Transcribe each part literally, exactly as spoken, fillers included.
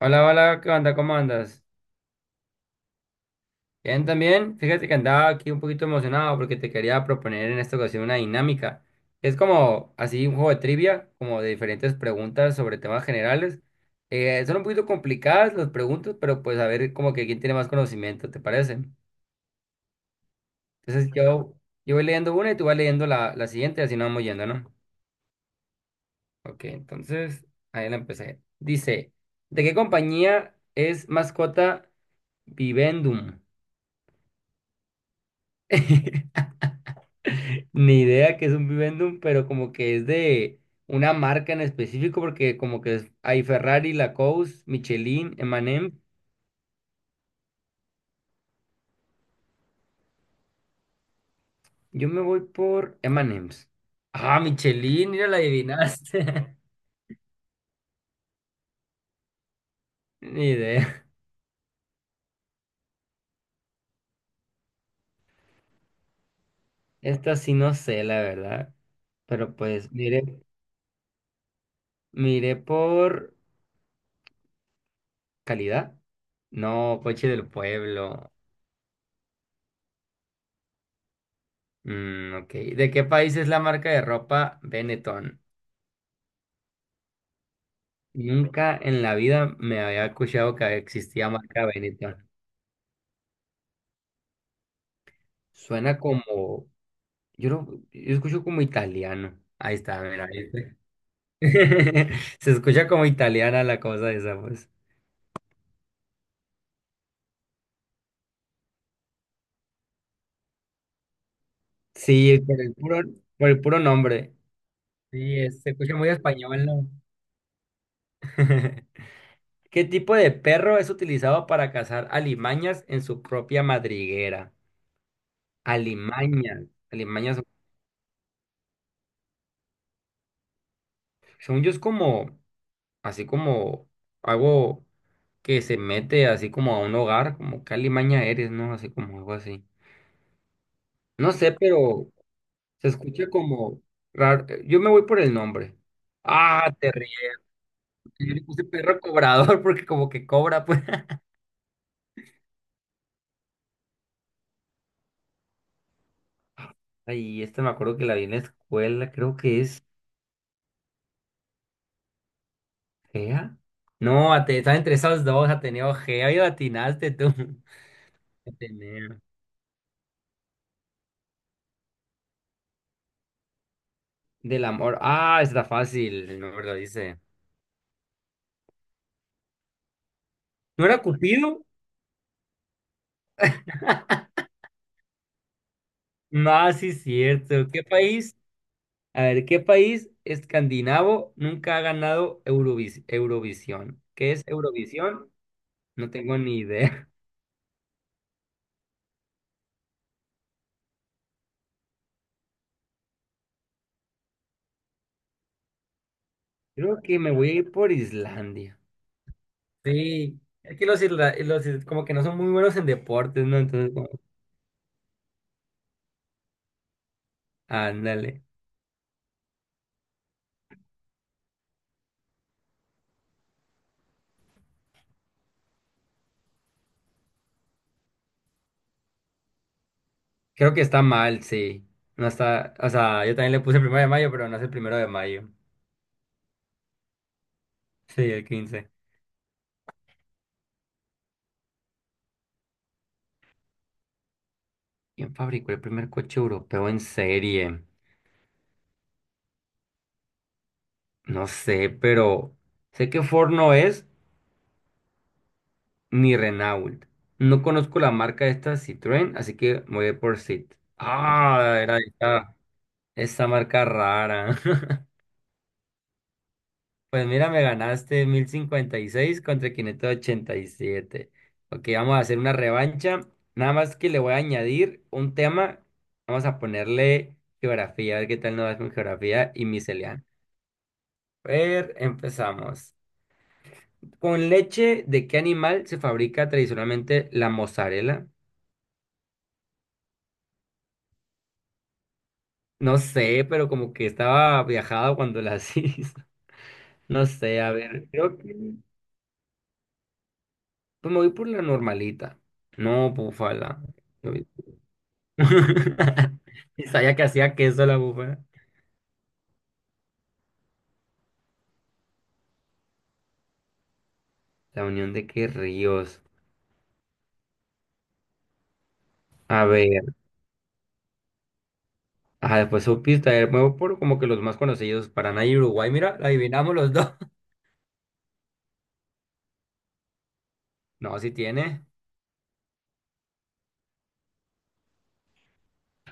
Hola, hola, ¿qué onda? ¿Cómo andas? Bien, también. Fíjate que andaba aquí un poquito emocionado porque te quería proponer en esta ocasión una dinámica. Es como así un juego de trivia, como de diferentes preguntas sobre temas generales. Eh, son un poquito complicadas las preguntas, pero pues a ver como que quién tiene más conocimiento, ¿te parece? Entonces yo, yo voy leyendo una y tú vas leyendo la, la siguiente, así nos vamos yendo, ¿no? Ok, entonces ahí la empecé. Dice, ¿de qué compañía es mascota Vivendum? Ni idea que es un Vivendum, pero como que es de una marca en específico, porque como que es- hay Ferrari, Lacoste, Michelin, eme y eme. Yo me voy por eme y eme's. Ah, Michelin, mira, la adivinaste. Ni idea. Esta sí no sé, la verdad. Pero pues, miré, miré por calidad. No, coche del pueblo. Mm, ok. ¿De qué país es la marca de ropa Benetton? Nunca en la vida me había escuchado que existía marca Benetton. Suena como. Yo no, yo escucho como italiano. Ahí está, mira, ¿viste? Se escucha como italiana la cosa esa, pues. Sí, por el puro, por el puro nombre. Sí, es- se escucha muy español, ¿no? ¿Qué tipo de perro es utilizado para cazar alimañas en su propia madriguera? Alimañas, alimañas, según yo es como, así como algo, que se mete así como a un hogar, como Calimaña eres, ¿no? Así como algo así. No sé, pero se escucha como raro. Yo me voy por el nombre. Ah, te ríes. Yo le puse perro cobrador porque como que cobra, pues. Ay, esta me acuerdo que la vi en la escuela, creo que es Gea. No, ate- estaba entre esas dos, Ateneo Gea y atinaste tú. Ateneo. Del amor. Ah, está fácil, el nombre lo dice. ¿No era Cupido? No, sí es cierto. ¿Qué país? A ver, ¿qué país escandinavo nunca ha ganado Eurovis- Eurovisión? ¿Qué es Eurovisión? No tengo ni idea. Creo que me voy a ir por Islandia. Sí, aquí los, isla- los is- como que no son muy buenos en deportes, ¿no? Entonces, como- ándale. Creo que está mal, sí. No está, o sea, yo también le puse el primero de mayo, pero no es el primero de mayo. Sí, el quince. ¿Quién fabricó el primer coche europeo en serie? No sé, pero sé que Ford no es, ni Renault. No conozco la marca de esta Citroën, así que me voy a ir por Cit. Ah, era esta, esta, marca rara. Pues mira, me ganaste mil cincuenta y seis contra quinientos ochenta y siete. Ok, vamos a hacer una revancha. Nada más que le voy a añadir un tema. Vamos a ponerle geografía, a ver qué tal nos va con geografía y miscelánea. A ver, empezamos. ¿Con leche de qué animal se fabrica tradicionalmente la mozzarella? No sé, pero como que estaba viajado cuando las hizo. No sé, a ver, creo que pues me voy por la normalita. No, búfala. Yo- Y Sabía que hacía queso la búfala. La unión de qué ríos. A ver, ah, después supiste, a ver, me voy por como que los más conocidos, Paraná y Uruguay, mira, la adivinamos los dos. No, sí tiene.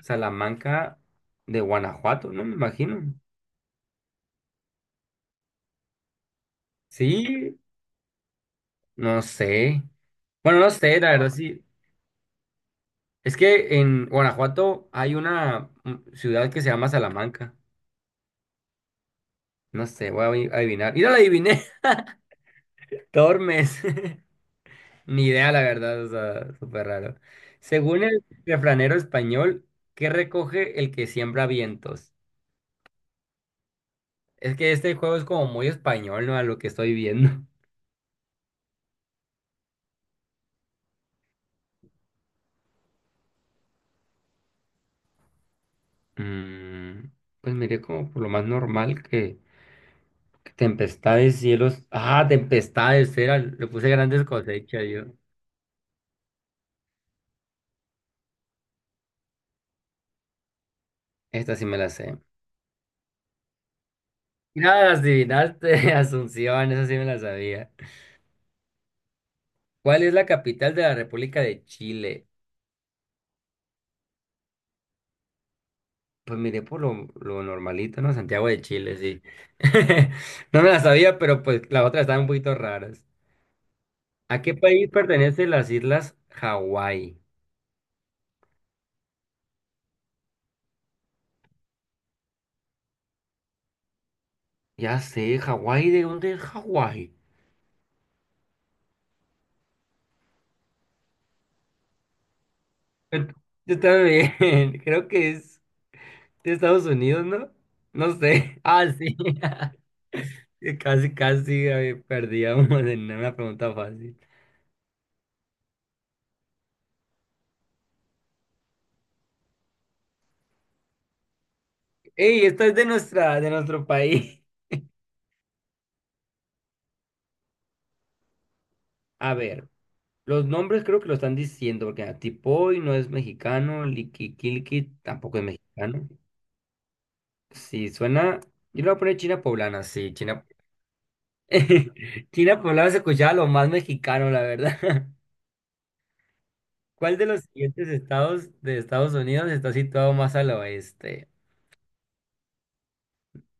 Salamanca de Guanajuato, no me imagino. Sí, no sé. Bueno, no sé, la verdad sí. Es que en Guanajuato hay una mm, ciudad que se llama Salamanca. No sé, voy a adiv- adivinar. ¡Y no la adiviné! Tormes. Ni idea, la verdad, o sea, súper raro. Según el refranero español, ¿qué recoge el que siembra vientos? Es que este juego es como muy español, ¿no? A lo que estoy viendo. Mm, pues miré como por lo más normal que, que tempestades, cielos. Ah, tempestades, era, le puse grandes cosechas yo. Esta sí me la sé. Nada, las adivinaste, Asunción, eso sí me la sabía. ¿Cuál es la capital de la República de Chile? Pues miré por lo, lo normalito, ¿no? Santiago de Chile, sí. No me la sabía, pero pues las otras estaban un poquito raras. ¿A qué país pertenecen las islas Hawái? Ya sé, Hawái, ¿de dónde es Hawái? Et- Está bien, creo que es de Estados Unidos, ¿no? No sé. Ah, sí. Casi, casi eh, perdíamos en una pregunta fácil. Ey, esta es de nuestra, de nuestro país. A ver, los nombres creo que lo están diciendo, porque mira, Tipoy no es mexicano, Liquiquilqui tampoco es mexicano. Sí, suena. Yo le voy a poner China poblana, sí, China. China poblana se escuchaba lo más mexicano, la verdad. ¿Cuál de los siguientes estados de Estados Unidos está situado más al oeste?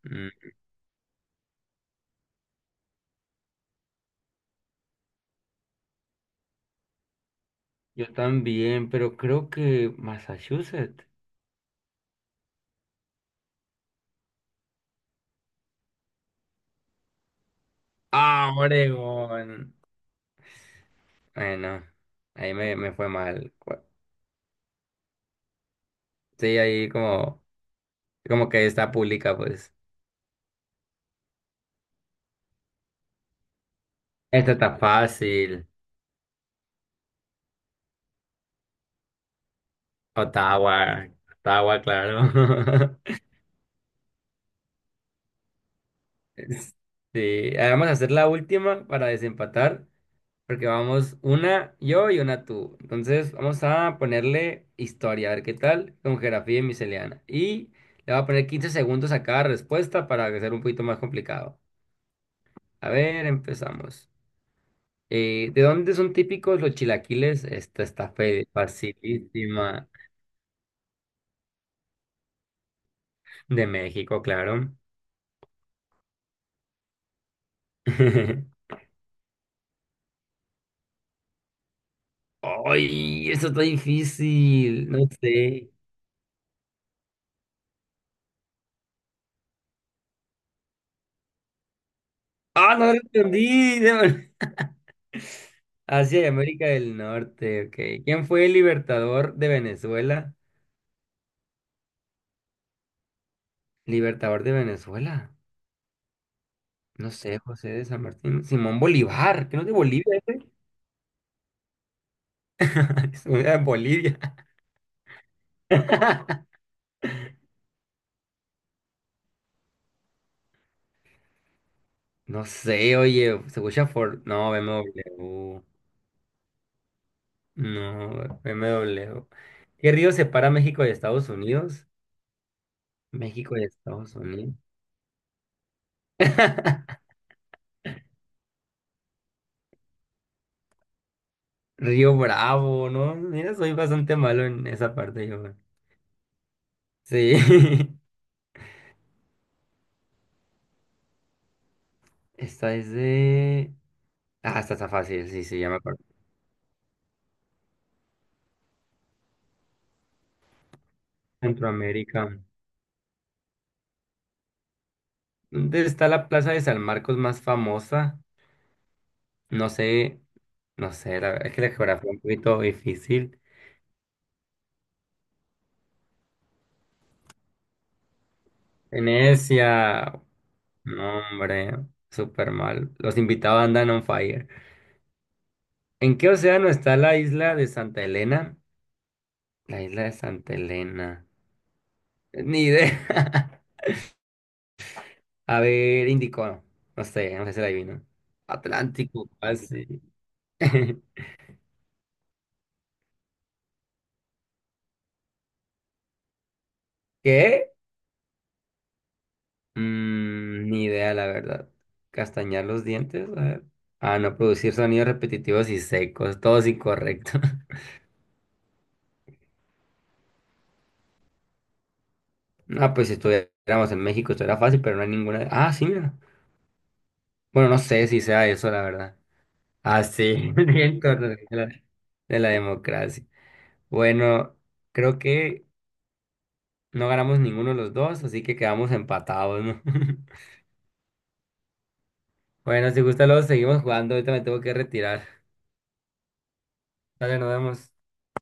Mm, yo también, pero creo que Massachusetts. Ah, Oregón. Bueno, ahí me, me fue mal. Sí, ahí como, como que está pública, pues. Esta está fácil. Ottawa, Ottawa, claro. Sí, ah, vamos a hacer la última para desempatar, porque vamos una yo y una tú. Entonces, vamos a ponerle historia, a ver qué tal, con geografía y miscelánea. Y le voy a poner quince segundos a cada respuesta para que sea un poquito más complicado. A ver, empezamos. Eh, ¿de dónde son típicos los chilaquiles? Esta está fe- facilísima. De México, claro. ¡Ay! Eso está difícil. No sé. ¡Ah, no lo entendí! Asia y América del Norte, ok. ¿Quién fue el libertador de Venezuela? Libertador de Venezuela. No sé, José de San Martín. Simón Bolívar, que no es de Bolivia, ¿ese? Es de Bolivia. No sé, oye, se escucha Ford. No, B M W. No, B M W. ¿Qué río separa México de Estados Unidos? México y Estados Unidos. Río Bravo, ¿no? Mira, soy bastante malo en esa parte yo, güey. Sí. Esta es de... Ah, esta está fácil, sí, sí, ya me acuerdo. Centroamérica. ¿Dónde está la plaza de San Marcos más famosa? No sé, no sé, la es que la geografía es un poquito difícil. Venecia. No, hombre, súper mal. Los invitados andan on fire. ¿En qué océano está la isla de Santa Elena? La isla de Santa Elena. Ni idea. A ver, Índico. No, no sé, no sé si la adivino. Atlántico, así. ¿Qué? Mm, ni idea, la verdad. Castañar los dientes, a ver. Ah, no, producir sonidos repetitivos y secos, todos incorrectos. No, pues si estuviéramos en México, esto era fácil, pero no hay ninguna. Ah, sí, mira. Bueno, no sé si sea eso, la verdad. Ah, sí, bien, correcto, de la de la democracia. Bueno, creo que. No ganamos ninguno de los dos, así que quedamos empatados, ¿no? Bueno, si gusta, luego seguimos jugando. Ahorita me tengo que retirar. Dale, nos vemos.